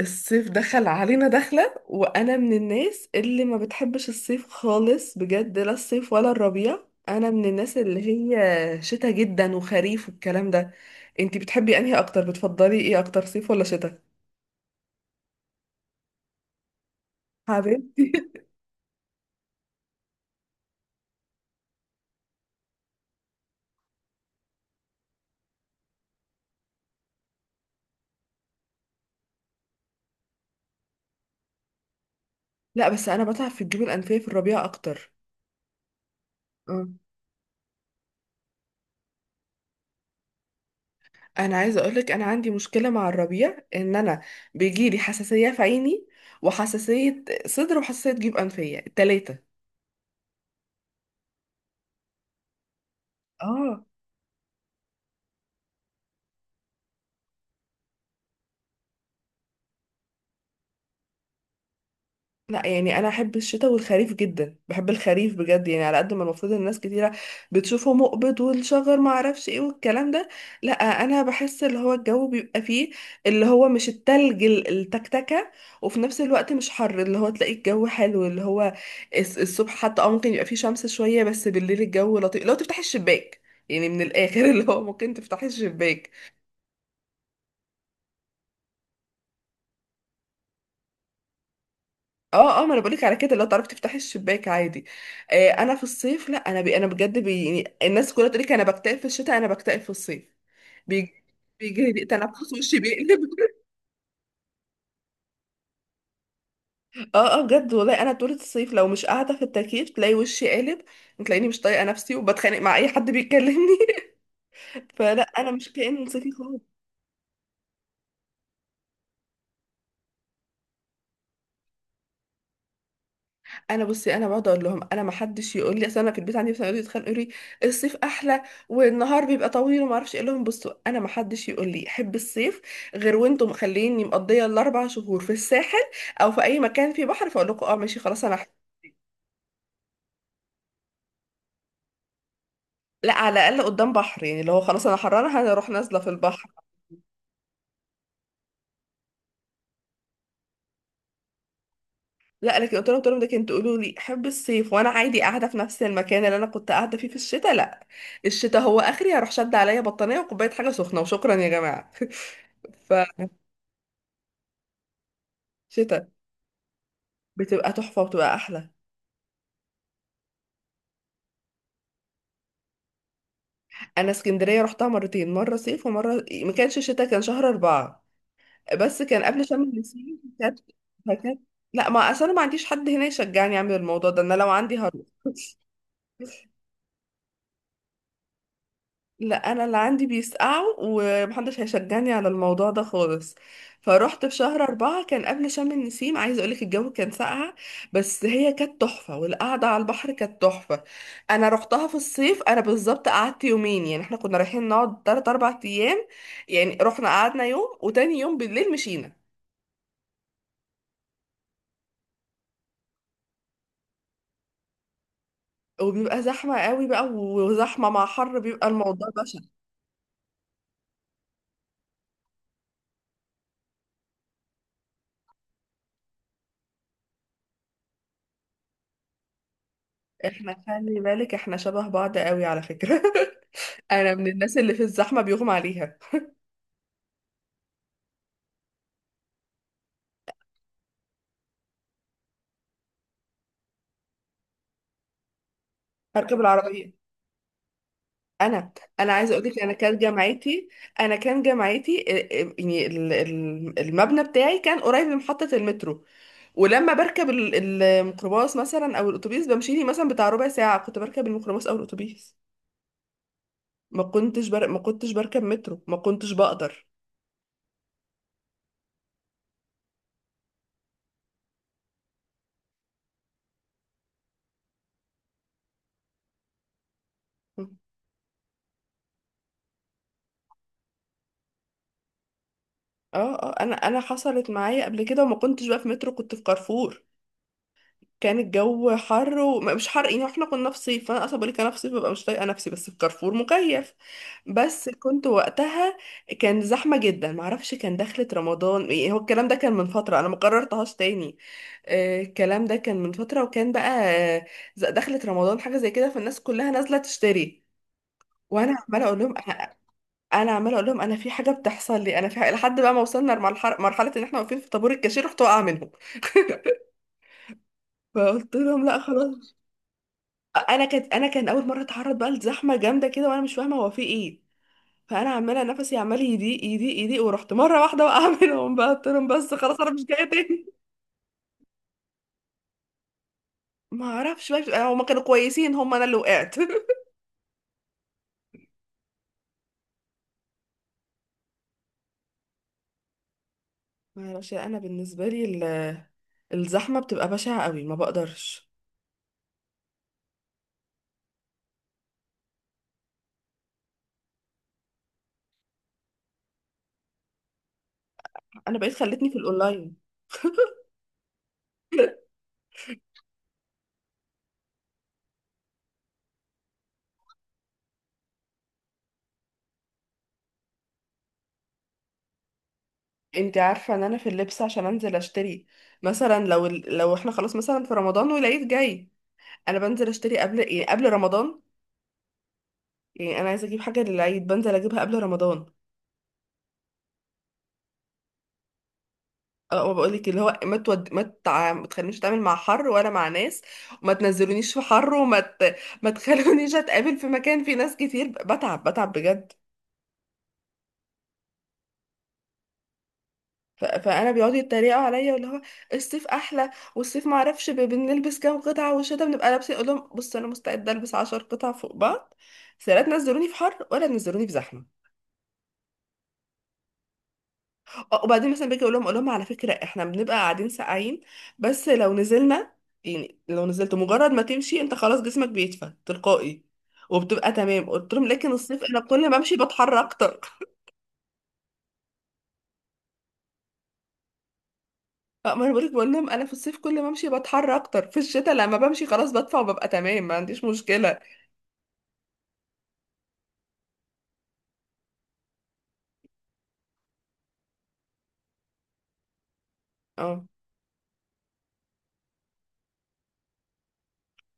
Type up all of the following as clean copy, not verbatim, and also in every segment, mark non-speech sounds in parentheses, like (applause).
الصيف دخل علينا دخلة وأنا من الناس اللي ما بتحبش الصيف خالص بجد. لا الصيف ولا الربيع، أنا من الناس اللي هي شتا جدا وخريف والكلام ده. انتي بتحبي أنهي أكتر؟ بتفضلي إيه أكتر، صيف ولا شتا؟ حبيبتي. (laughs) لا بس أنا بتعب في الجيوب الأنفية في الربيع أكتر. اه أنا عايزة أقولك، أنا عندي مشكلة مع الربيع إن أنا بيجيلي حساسية في عيني، وحساسية صدر، وحساسية جيوب أنفية، التلاتة. اه. لا يعني انا احب الشتاء والخريف جدا، بحب الخريف بجد، يعني على قد ما المفروض الناس كتيره بتشوفه مقبض والشجر ما اعرفش ايه والكلام ده، لا. انا بحس اللي هو الجو بيبقى فيه، اللي هو مش التلج، التكتكه، وفي نفس الوقت مش حر، اللي هو تلاقي الجو حلو. اللي هو الصبح حتى ممكن يبقى فيه شمس شويه، بس بالليل الجو لطيف لو تفتحي الشباك. يعني من الاخر، (laughs) اللي هو ممكن تفتحي الشباك. اه اه، ما انا بقولك على كده، لو تعرفي تفتحي الشباك عادي. انا في الصيف لا، انا بجد بي، يعني الناس كلها تقولك انا بكتئب في الشتاء، انا بكتئب في الصيف. بيجي بيجي لي تنفس وشي بيقلب. (laughs) اه اه، بجد والله انا طول الصيف لو مش قاعده في التكييف تلاقي وشي قالب، تلاقيني مش طايقه نفسي وبتخانق مع اي حد بيكلمني. (laughs) فلا انا مش كائن صيفي خالص. انا بصي، انا بقعد اقول لهم انا، ما حدش يقول لي، اصل انا في البيت عندي مثلا يقعدوا يتخانقوا يقولوا لي الصيف احلى والنهار بيبقى طويل وما اعرفش إيه، اقول لهم بصوا انا ما حدش يقول لي احب الصيف غير وانتم مخليني مقضيه الاربع شهور في الساحل او في اي مكان فيه بحر، فاقول لكم اه ماشي خلاص. لا على الاقل قدام بحر، يعني لو خلاص انا حرانه هروح نازله في البحر. لا لكن قلت لهم ده كنت تقولوا لي احب الصيف وانا عادي قاعده في نفس المكان اللي انا كنت قاعده فيه في الشتاء، لا. الشتاء هو اخري هروح شد عليا بطانيه وكوبايه حاجه سخنه وشكرا يا جماعه. (laughs) ف شتاء بتبقى تحفة وبتبقى أحلى. أنا اسكندرية رحتها مرتين، مرة صيف ومرة ما كانش شتاء، كان شهر أربعة بس كان قبل شم النسيم. فكانت لا، ما أصل أنا ما عنديش حد هنا يشجعني أعمل الموضوع ده، أنا لو عندي هروح. (laughs) لا انا اللي عندي بيسقعوا ومحدش هيشجعني على الموضوع ده خالص. فروحت في شهر أربعة كان قبل شم النسيم، عايزة أقولك الجو كان ساقعة بس هي كانت تحفة، والقعدة على البحر كانت تحفة. أنا روحتها في الصيف، أنا بالظبط قعدت يومين، يعني احنا كنا رايحين نقعد تلات أربع أيام، يعني رحنا قعدنا يوم وتاني يوم بالليل مشينا. وبيبقى زحمة قوي بقى، وزحمة مع حر بيبقى الموضوع بشع. احنا خلي بالك احنا شبه بعض قوي على فكرة. (laughs) أنا من الناس اللي في الزحمة بيغمى عليها. هركب العربية. انا عايزه اقول لك، انا كان جامعتي. يعني المبنى بتاعي كان قريب من محطه المترو، ولما بركب الميكروباص مثلا او الاتوبيس، بمشي لي مثلا بتاع ربع ساعه كنت بركب الميكروباص او الاتوبيس. ما كنتش بركب مترو، ما كنتش بقدر. اه اه، انا حصلت معايا قبل كده وما كنتش بقى في مترو، كنت في كارفور. كان الجو حر ومش حر، يعني احنا كنا في صيف، فانا اصلا بقولك انا في صيف ببقى مش طايقه نفسي، بس في كارفور مكيف بس كنت وقتها كان زحمه جدا. معرفش كان دخلة رمضان يعني، هو الكلام ده كان من فتره انا ما قررتهاش تاني. الكلام ده كان من فتره وكان بقى آه، دخلة رمضان حاجه زي كده، فالناس كلها نازله تشتري، وانا عماله اقول لهم انا أنا عماله اقول لهم انا في حاجه بتحصل لي، انا في حاجة، لحد بقى ما وصلنا مرحله ان احنا واقفين في طابور الكاشير رحت واقعه منهم. (laughs) فقلت لهم لا خلاص. انا كان اول مره اتعرض بقى لزحمه جامده كده وانا مش فاهمه هو في ايه، فانا عماله نفسي عمال يضيق يضيق يضيق ورحت مره واحده وقع منهم. (laughs) بقى قلت لهم بس خلاص انا مش جايه تاني. ما اعرفش بقى، هما كانوا كويسين، هما انا اللي وقعت. (laughs) ما اعرفش انا بالنسبه لي الزحمه بتبقى بشعه قوي، ما بقدرش. انا بقيت خلتني في الاونلاين. انت عارفه ان انا في اللبس عشان انزل اشتري، مثلا لو لو احنا خلاص مثلا في رمضان والعيد جاي، انا بنزل اشتري قبل ايه، قبل رمضان. يعني انا عايزه اجيب حاجه للعيد بنزل اجيبها قبل رمضان. اه ما بقولك اللي هو ما تود... ما, تع... ما تخلينيش اتعامل مع حر ولا مع ناس، وما تنزلونيش في حر، ما تخلونيش اتقابل في مكان فيه ناس كتير، بتعب بجد. فانا بيقعدوا يتريقوا عليا واللي هو الصيف احلى والصيف ما اعرفش بنلبس كام قطعه والشتا بنبقى لابسين، اقول لهم بص انا مستعده البس 10 قطع فوق بعض، بس لا تنزلوني في حر ولا تنزلوني في زحمه. اه وبعدين مثلا باجي اقول لهم على فكره احنا بنبقى قاعدين ساقعين، بس لو نزلنا، يعني لو نزلت، مجرد ما تمشي انت خلاص جسمك بيدفى تلقائي وبتبقى تمام، قلت لهم لكن الصيف انا كل ما امشي بتحر اكتر. (laughs) اه ما انا بقولك، بقول لهم انا في الصيف كل ما امشي بتحر اكتر، في الشتاء لما بمشي خلاص بدفى وببقى تمام ما عنديش مشكله. اه،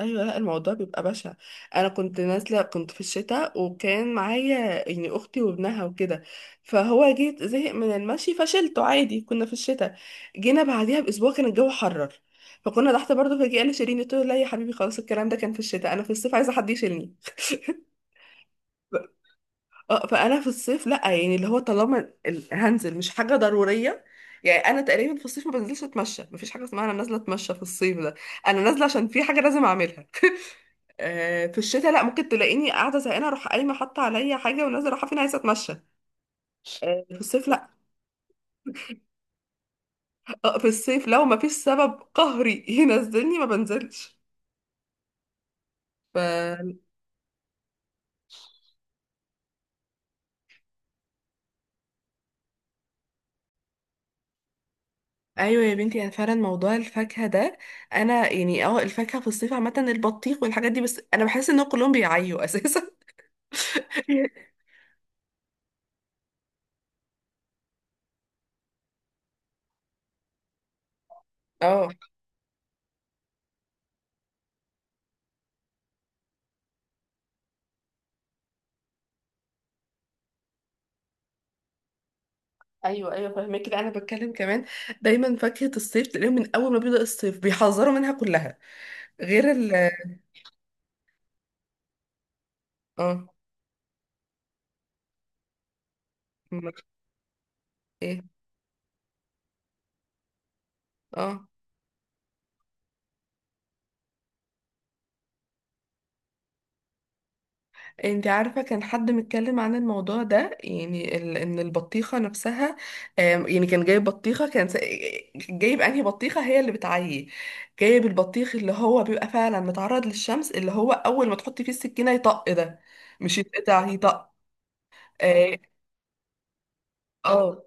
ايوه لا الموضوع بيبقى بشع. انا كنت نازله كنت في الشتاء وكان معايا، يعني اختي وابنها وكده، فهو جيت زهق من المشي فشلته عادي كنا في الشتاء. جينا بعديها باسبوع كان الجو حرر، فكنا تحت برضه فجأة قال لي شيليني، قلت له لا يا حبيبي خلاص، الكلام ده كان في الشتاء، انا في الصيف عايزه حد يشيلني. ف- اه، فانا في الصيف لا، يعني اللي هو طالما هنزل مش حاجه ضروريه، يعني انا تقريبا في الصيف ما بنزلش اتمشى، مفيش حاجه اسمها انا نازله اتمشى في الصيف ده، انا نازله عشان في حاجه لازم اعملها. آه، في الشتاء لا، ممكن تلاقيني قاعده زهقانه اروح قايمه حاطه عليا حاجه ونازله رايحه فين، عايزه اتمشى. آه، في الصيف لا. آه، في الصيف لو ما فيش سبب قهري (laughs) ينزلني ما بنزلش. ف ايوه يا بنتي، انا فعلا موضوع الفاكهه ده، انا يعني اه الفاكهه في الصيف عامه البطيخ والحاجات دي، بس انا بحس ان كلهم بيعيوا اساسا. (laughs) اه ايوه ايوه فاهمه كده، انا بتكلم كمان دايما فاكهه الصيف تلاقيهم من اول ما بيبدا الصيف بيحذروا منها كلها غير ال. اه م- ايه. اه. انت عارفة كان حد متكلم عن الموضوع ده، يعني ان البطيخة نفسها، يعني كان جايب بطيخة، جايب انهي بطيخة هي اللي بتعيي، جايب البطيخ اللي هو بيبقى فعلا متعرض للشمس، اللي هو اول ما تحطي فيه السكينة يطق ده، مش يتقطع يطق. اه اه.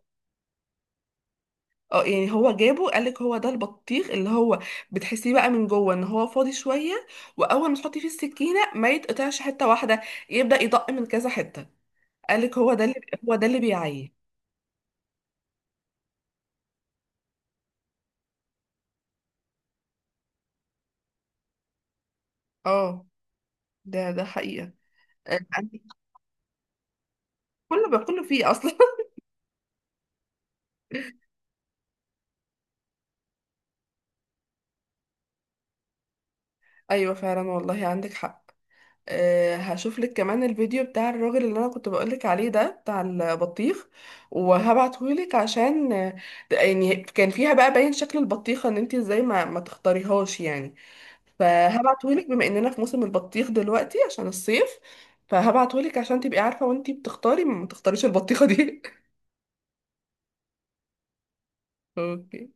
آه، يعني هو جابه قالك هو ده البطيخ اللي هو بتحسيه بقى من جوه ان هو فاضي شوية، واول ما تحطي فيه السكينة ما يتقطعش حتة واحدة، يبدأ يطق من كذا حتة، قالك هو ده اللي هو ده اللي بيعيي. اه ده حقيقة. آه، (laughs) عندي كله باكله فيه اصلا. (laughs) ايوه فعلا والله عندك حق. أه هشوف لك كمان الفيديو بتاع الراجل اللي انا كنت بقولك عليه ده بتاع البطيخ وهبعته لك عشان آه، يعني كان فيها بقى باين شكل البطيخة ان انت ازاي ما تختاريهاش يعني، فهبعته لك بما اننا في موسم البطيخ دلوقتي عشان الصيف، فهبعته لك عشان تبقي عارفة وانت بتختاري ما تختاريش البطيخة دي. (laughs) اوكي.